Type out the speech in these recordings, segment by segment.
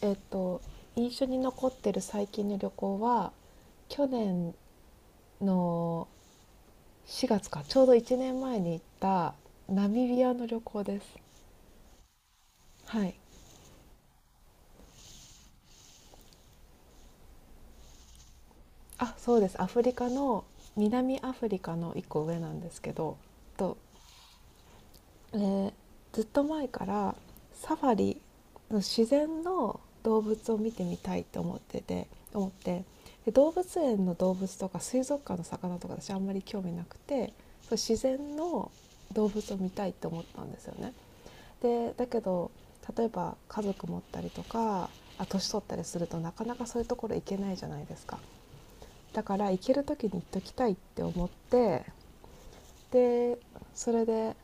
えっと印象に残ってる最近の旅行は、去年の4月か、ちょうど1年前に行ったナミビアの旅行です。はい。あ、そうです、アフリカの、南アフリカの1個上なんですけど、とえーずっと前からサファリの自然の動物を見てみたいと思って、で動物園の動物とか水族館の魚とか私あんまり興味なくて、自然の動物を見たいと思ったんですよね。でだけど、例えば家族持ったりとか、年取ったりすると、なかなかそういうところ行けないじゃないですか。だから行ける時に行っときたいって思って、でそれで、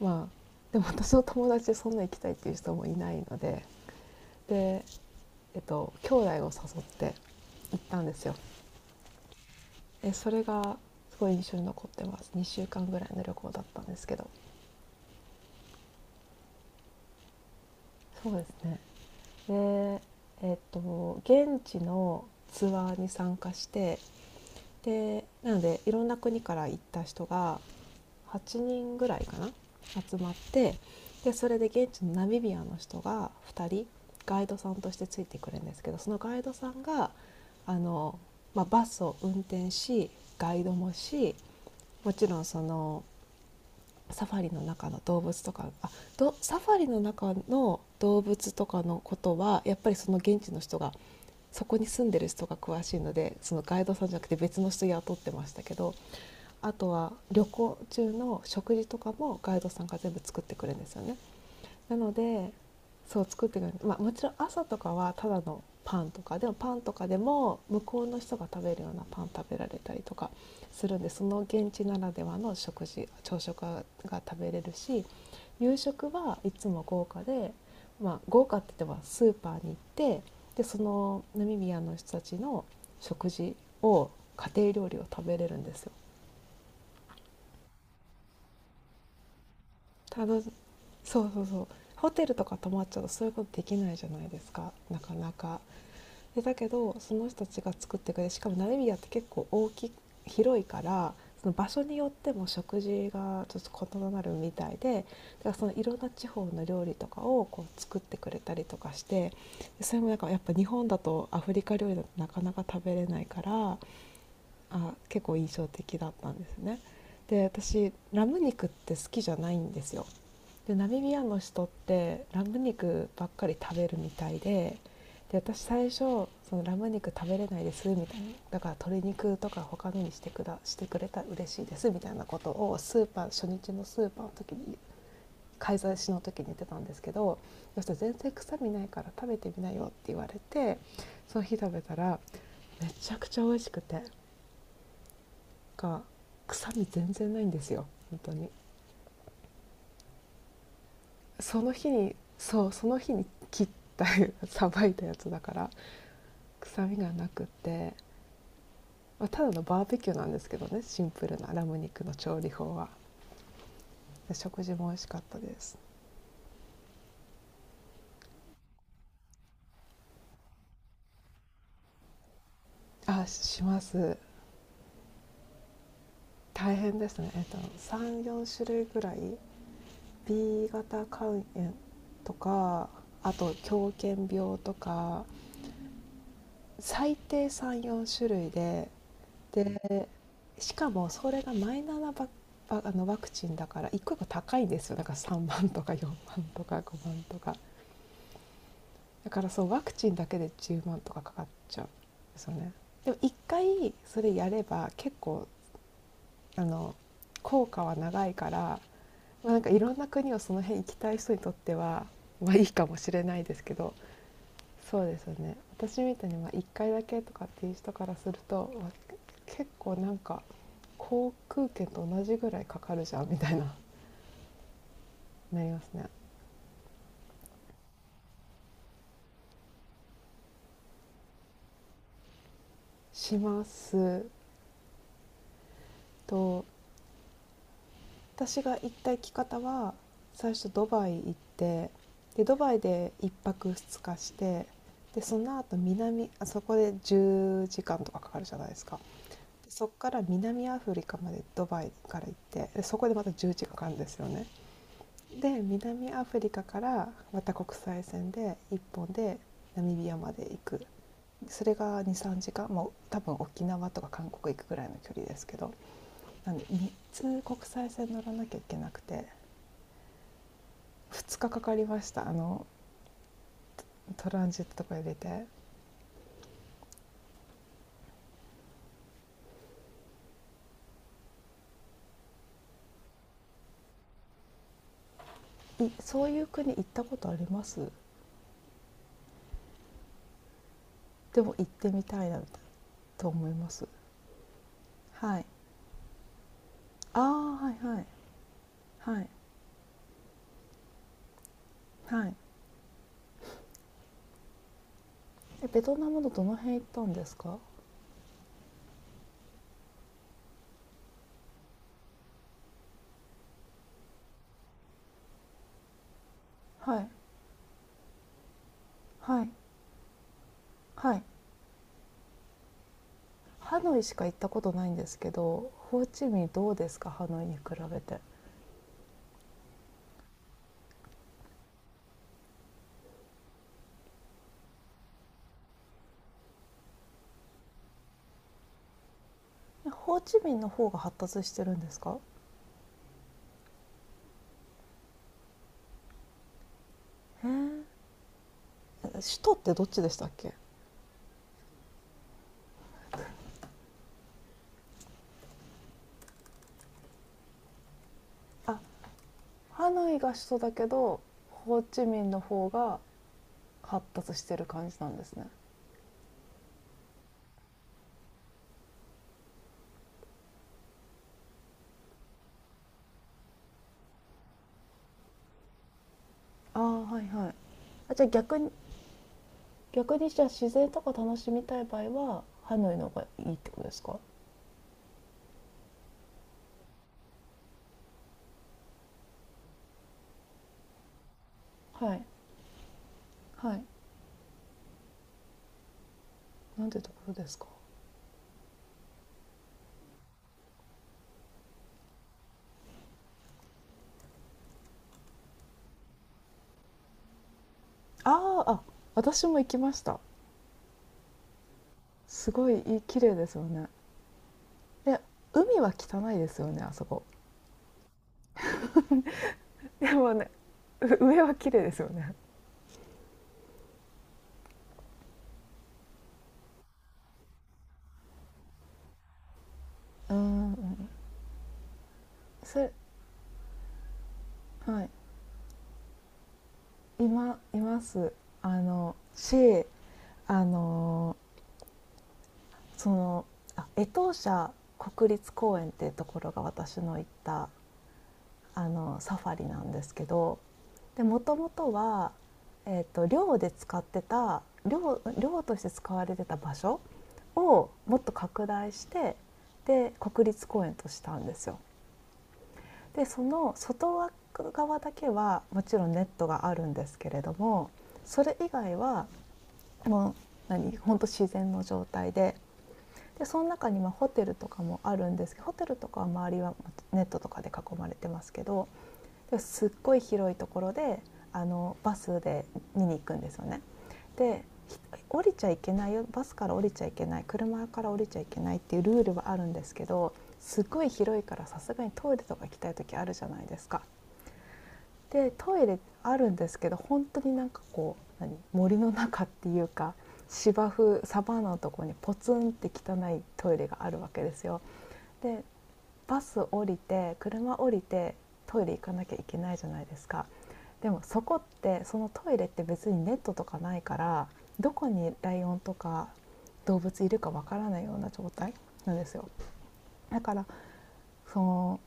まあ、でも私の友達でそんな行きたいっていう人もいないので、で、兄弟を誘って行ったんですよ。それがすごい印象に残ってます。2週間ぐらいの旅行だったんですけど、そうですね。で、現地のツアーに参加して、でなので、いろんな国から行った人が8人ぐらいかな、集まって、で、それで現地のナミビアの人が2人ガイドさんとしてついてくれるんですけど、そのガイドさんが、あの、まあ、バスを運転し、ガイドもし、もちろんその、サファリの中の動物とかあサファリの中の動物とかのことは、やっぱりその現地の人が、そこに住んでる人が詳しいので、そのガイドさんじゃなくて別の人雇ってましたけど。あとは旅行中の食事とかもガイドさんが全部作ってくれるんですよね。なので、そう、作ってくれる、まあ、もちろん朝とかはただのパンとかでも、向こうの人が食べるようなパン食べられたりとかするんで、その現地ならではの朝食が食べれるし、夕食はいつも豪華で、まあ、豪華って言ってもスーパーに行って、でそのナミビアの人たちの食事を家庭料理を食べれるんですよ。そう、そう、そう、ホテルとか泊まっちゃうとそういうことできないじゃないですか、なかなか。でだけど、その人たちが作ってくれて、しかもナミビアって結構広いから、その場所によっても食事がちょっと異なるみたいで、だからそのいろんな地方の料理とかをこう作ってくれたりとかして、それもなんかやっぱ日本だとアフリカ料理だとなかなか食べれないから、結構印象的だったんですね。で、私ラム肉って好きじゃないんですよ。でナミビアの人ってラム肉ばっかり食べるみたいで、で私最初そのラム肉食べれないですみたいな、だから鶏肉とか他のにして、くれたら嬉しいですみたいなことを、スーパー初日のスーパーの時に、買い出しの時に言ってたんですけど、そしたら全然臭みないから食べてみなよって言われて、その日食べたら、めちゃくちゃ美味しくて、が臭み全然ないんですよ、本当に。その日にそうその日に切ったさばいたやつだから臭みがなくて、まあただのバーベキューなんですけどね、シンプルなラム肉の調理法は。で食事も美味しかったです。します。大変ですね、34種類ぐらい。 B 型肝炎とか、あと狂犬病とか、最低34種類で、で、しかもそれがマイナーなばばあのワクチンだから、一個一個高いんですよ。だから3万とか4万とか5万とか、だから、そう、ワクチンだけで10万とかかかっちゃうんですよね。でも一回それやれば、結構あの効果は長いから、まあ、なんかいろんな国をその辺行きたい人にとっては、まあ、いいかもしれないですけど。そうですよね、私みたいにまあ1回だけとかっていう人からすると、結構なんか、航空券と同じぐらいかかるじゃんみたいな なりますね。します。と私が行った行き方は、最初ドバイ行って、でドバイで1泊2日して、でその後あそこで10時間とかかかるじゃないですか。でそこから南アフリカまでドバイから行って、でそこでまた10時間かかるんですよね。で南アフリカからまた国際線で1本でナミビアまで行く。それが23時間。もう多分沖縄とか韓国行くぐらいの距離ですけど、なんで、3つ国際線乗らなきゃいけなくて、2日かかりました、トランジットとか入れて。そういう国行ったことあります？でも行ってみたいなと思います。はい。ああ、はいはい。はい。はいベトナムのどの辺行ったんですか？はい。はいはい。ハノイしか行ったことないんですけど、ホーチミンどうですか、ハノイに比べて。ホーチミンの方が発達してるんですか？え首都ってどっちでしたっけ？あ、ハノイが首都だけど、ホーチミンの方が発達してる感じなんですね。ああ、はいはい。あ、じゃあ逆に、じゃあ自然とか楽しみたい場合はハノイの方がいいってことですか？はい。はい。なんてところですか？あーあ。私も行きました。すごいいい、綺麗ですよね。で海は汚いですよね、あそこ。でもね、上は綺麗ですよね。うんうん。それ。はい。今います。あのしあのそのあ江東社国立公園っていうところが、私の行ったあのサファリなんですけど、もともとは、寮で使ってた寮漁として使われてた場所をもっと拡大して、で国立公園としたんですよ。でその外側だけはもちろんネットがあるんですけれども、それ以外はもうほんと自然の状態で、でその中にまあホテルとかもあるんですけど、ホテルとかは周りはネットとかで囲まれてますけど、で、すっごい広いところで、バスで見に行くんですよね。で、降りちゃいけないよ、バスから降りちゃいけない、車から降りちゃいけないっていうルールはあるんですけど、すごい広いから、さすがにトイレとか行きたい時あるじゃないですか。でトイレあるんですけど、本当になんかこう森の中っていうか、サバンナのところにポツンって汚いトイレがあるわけですよ。でバス降りて、車降りて、トイレ行かなきゃいけないじゃないですか。でもそこって、そのトイレって別にネットとかないから、どこにライオンとか動物いるかわからないような状態なんですよ。だから、その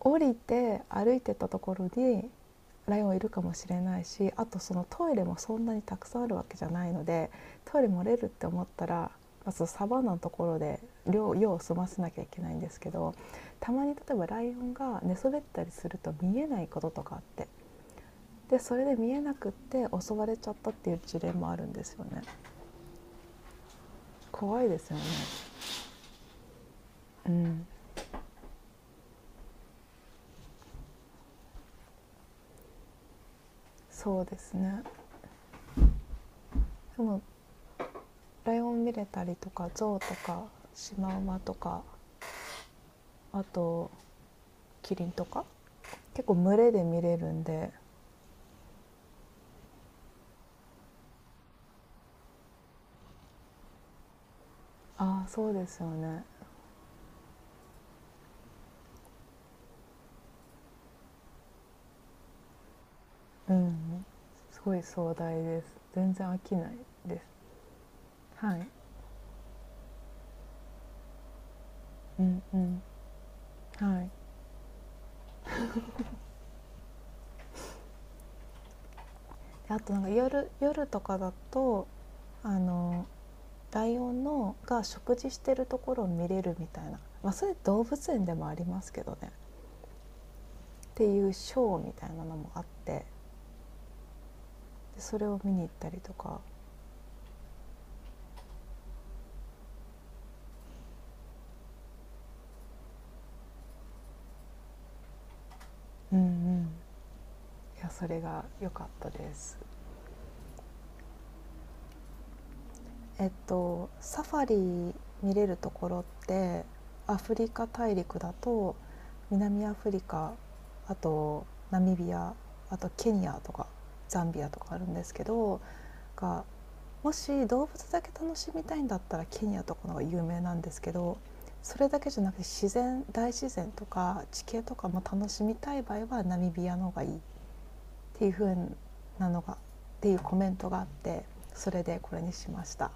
降りて歩いてたところにライオンいるかもしれないし、あと、そのトイレもそんなにたくさんあるわけじゃないので、トイレ漏れるって思ったら、まずサバンナのところで量用を済ませなきゃいけないんですけど、たまに、例えばライオンが寝そべったりすると見えないこととかあって、でそれで見えなくって襲われちゃったっていう事例もあるんですよね。怖いですよね。うん、そうですね。でもライオン見れたりとか、ゾウとか、シマウマとか、あとキリンとか結構群れで見れるんで。ああ、そうですよね。うん。すごい壮大です。全然飽きないです。はい。うんうん。はい。あとなんか夜とかだと、あのライオンのが食事してるところを見れるみたいな、まあ、それ動物園でもありますけどね、っていうショーみたいなのもあって、でそれを見に行ったりとか。うんうん。いや、それが良かったです。サファリ見れるところって、アフリカ大陸だと、南アフリカ、あとナミビア、あとケニアとか、ザンビアとかあるんですけど、がもし動物だけ楽しみたいんだったら、ケニアとかの方が有名なんですけど、それだけじゃなくて、大自然とか地形とかも楽しみたい場合はナミビアの方がいいっていう風なのが、っていうコメントがあって、それでこれにしました。